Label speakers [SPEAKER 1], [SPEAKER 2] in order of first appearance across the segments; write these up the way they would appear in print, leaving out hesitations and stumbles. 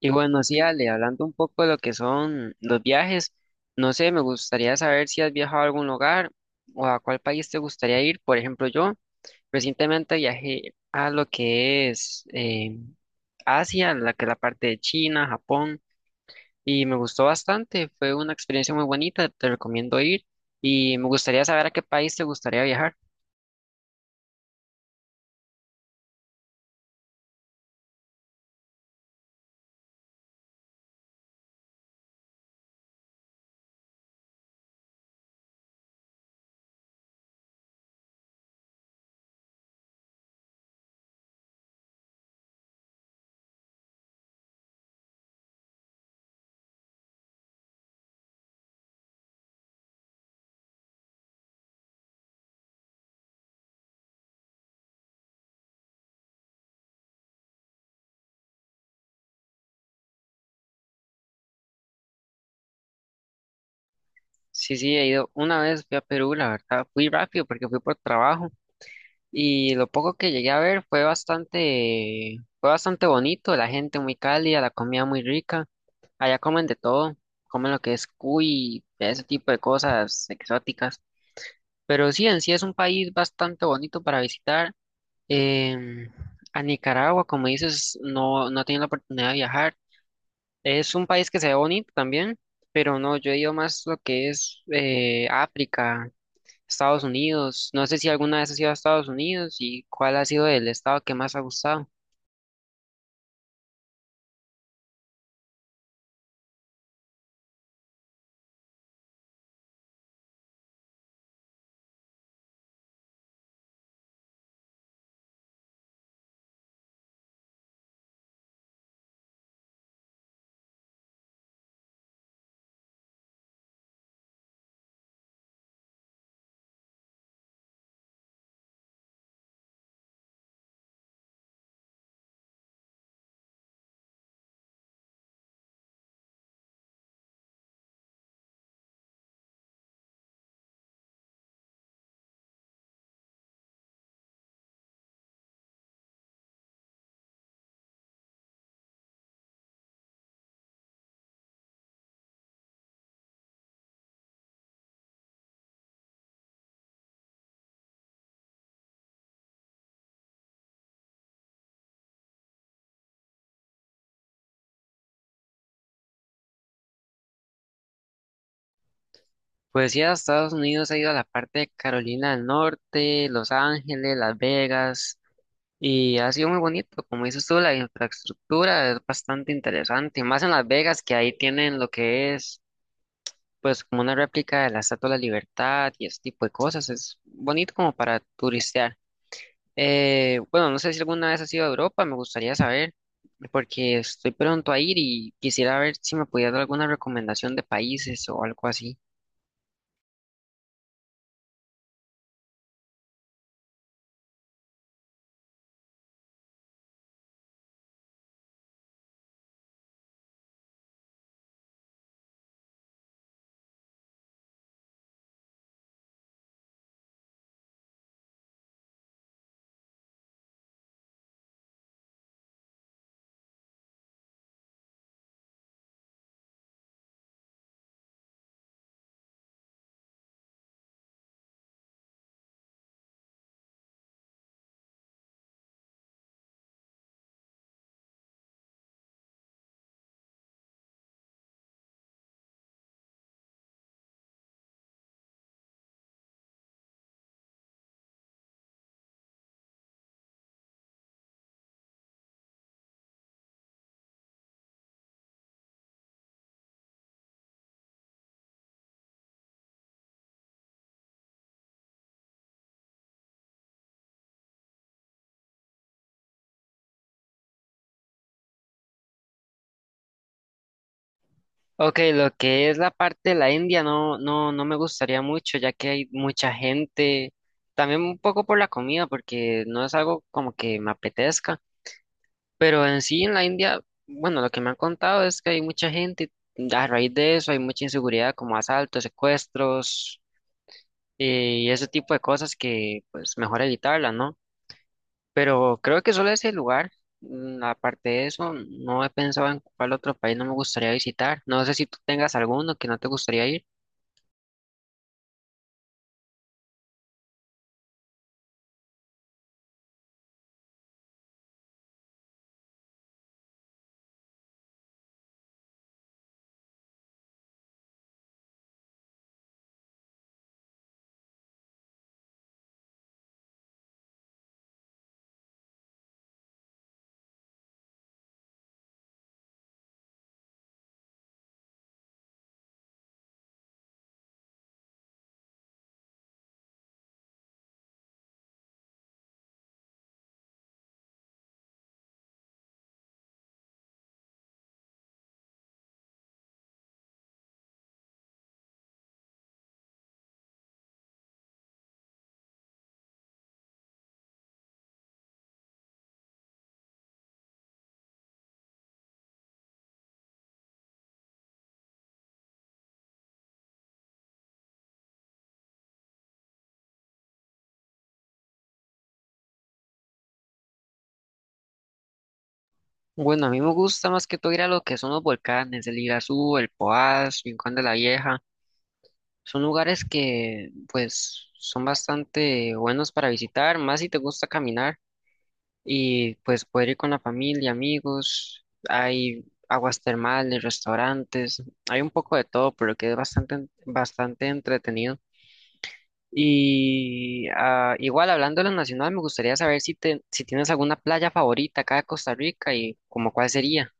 [SPEAKER 1] Y bueno, sí, Ale, hablando un poco de lo que son los viajes, no sé, me gustaría saber si has viajado a algún lugar o a cuál país te gustaría ir. Por ejemplo, yo recientemente viajé a lo que es Asia, la que es la parte de China, Japón, y me gustó bastante, fue una experiencia muy bonita, te recomiendo ir y me gustaría saber a qué país te gustaría viajar. Sí, sí, he ido una vez, fui a Perú, la verdad, fui rápido porque fui por trabajo. Y lo poco que llegué a ver fue bastante bonito, la gente muy cálida, la comida muy rica. Allá comen de todo, comen lo que es cuy, ese tipo de cosas exóticas. Pero sí, en sí es un país bastante bonito para visitar. Em, a Nicaragua, como dices, no, no he tenido la oportunidad de viajar. Es un país que se ve bonito también, pero no, yo he ido más lo que es África, Estados Unidos. No sé si alguna vez has ido a Estados Unidos y cuál ha sido el estado que más ha gustado. Pues sí, a Estados Unidos ha ido a la parte de Carolina del Norte, Los Ángeles, Las Vegas, y ha sido muy bonito. Como dices tú, la infraestructura es bastante interesante, más en Las Vegas, que ahí tienen lo que es, pues, como una réplica de la Estatua de la Libertad y ese tipo de cosas. Es bonito como para turistear. Bueno, no sé si alguna vez has ido a Europa, me gustaría saber, porque estoy pronto a ir y quisiera ver si me podías dar alguna recomendación de países o algo así. Ok, lo que es la parte de la India no, no, no me gustaría mucho, ya que hay mucha gente, también un poco por la comida, porque no es algo como que me apetezca, pero en sí en la India, bueno, lo que me han contado es que hay mucha gente, a raíz de eso hay mucha inseguridad, como asaltos, secuestros. Y ese tipo de cosas que pues mejor evitarlas, ¿no? Pero creo que solo ese lugar, aparte de eso, no he pensado en cuál otro país no me gustaría visitar. No sé si tú tengas alguno que no te gustaría ir. Bueno, a mí me gusta más que todo ir a lo que son los volcanes, el Irazú, el Poás, Rincón de la Vieja. Son lugares que pues son bastante buenos para visitar, más si te gusta caminar. Y pues poder ir con la familia, amigos, hay aguas termales, restaurantes, hay un poco de todo, pero que es bastante, bastante entretenido. Y ah, igual hablando de lo nacional, me gustaría saber si tienes alguna playa favorita acá de Costa Rica y como cuál sería.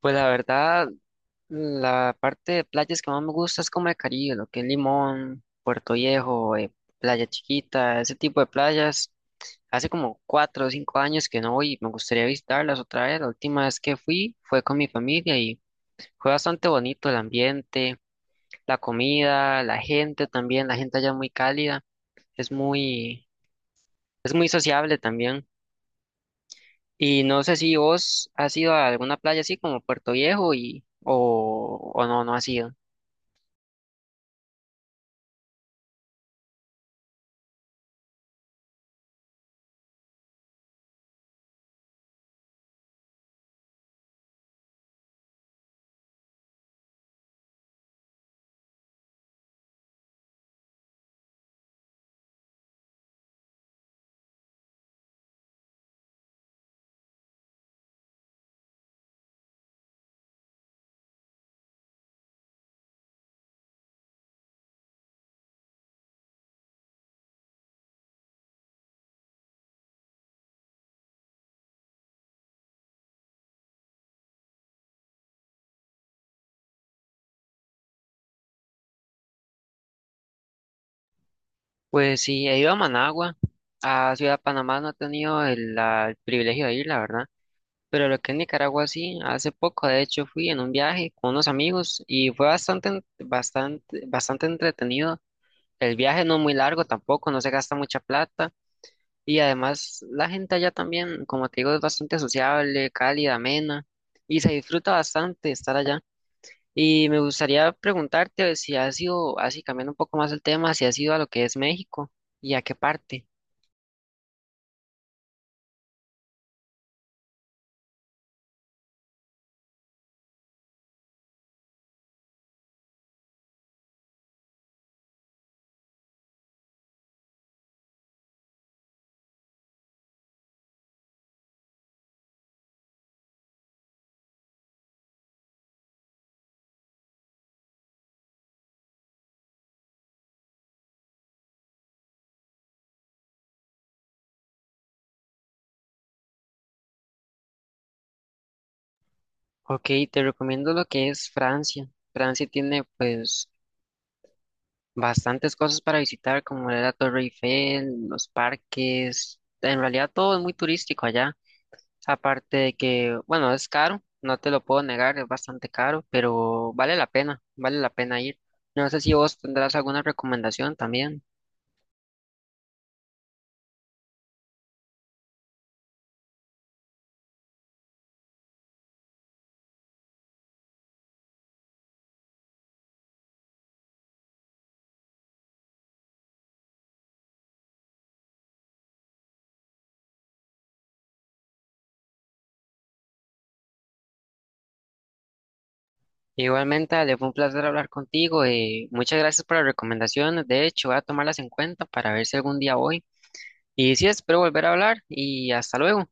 [SPEAKER 1] Pues la verdad, la parte de playas que más me gusta es como el Caribe, lo que es Limón, Puerto Viejo, Playa Chiquita, ese tipo de playas. Hace como cuatro o cinco años que no voy y me gustaría visitarlas otra vez. La última vez que fui fue con mi familia y fue bastante bonito el ambiente, la comida, la gente también. La gente allá es muy cálida, es muy, es muy sociable también. Y no sé si vos has ido a alguna playa así como Puerto Viejo y o no, no has ido. Pues sí, he ido a Managua, a Ciudad Panamá, no he tenido el privilegio de ir, la verdad. Pero lo que es Nicaragua sí, hace poco de hecho fui en un viaje con unos amigos y fue bastante, bastante entretenido. El viaje no es muy largo tampoco, no se gasta mucha plata y además la gente allá también, como te digo, es bastante sociable, cálida, amena y se disfruta bastante estar allá. Y me gustaría preguntarte si has ido, así cambiando un poco más el tema, si has ido a lo que es México y a qué parte. Ok, te recomiendo lo que es Francia. Francia tiene pues bastantes cosas para visitar, como la Torre Eiffel, los parques. En realidad todo es muy turístico allá. Aparte de que, bueno, es caro, no te lo puedo negar, es bastante caro, pero vale la pena ir. No sé si vos tendrás alguna recomendación también. Igualmente, Ale, fue un placer hablar contigo y muchas gracias por las recomendaciones. De hecho, voy a tomarlas en cuenta para ver si algún día voy. Y sí, espero volver a hablar y hasta luego.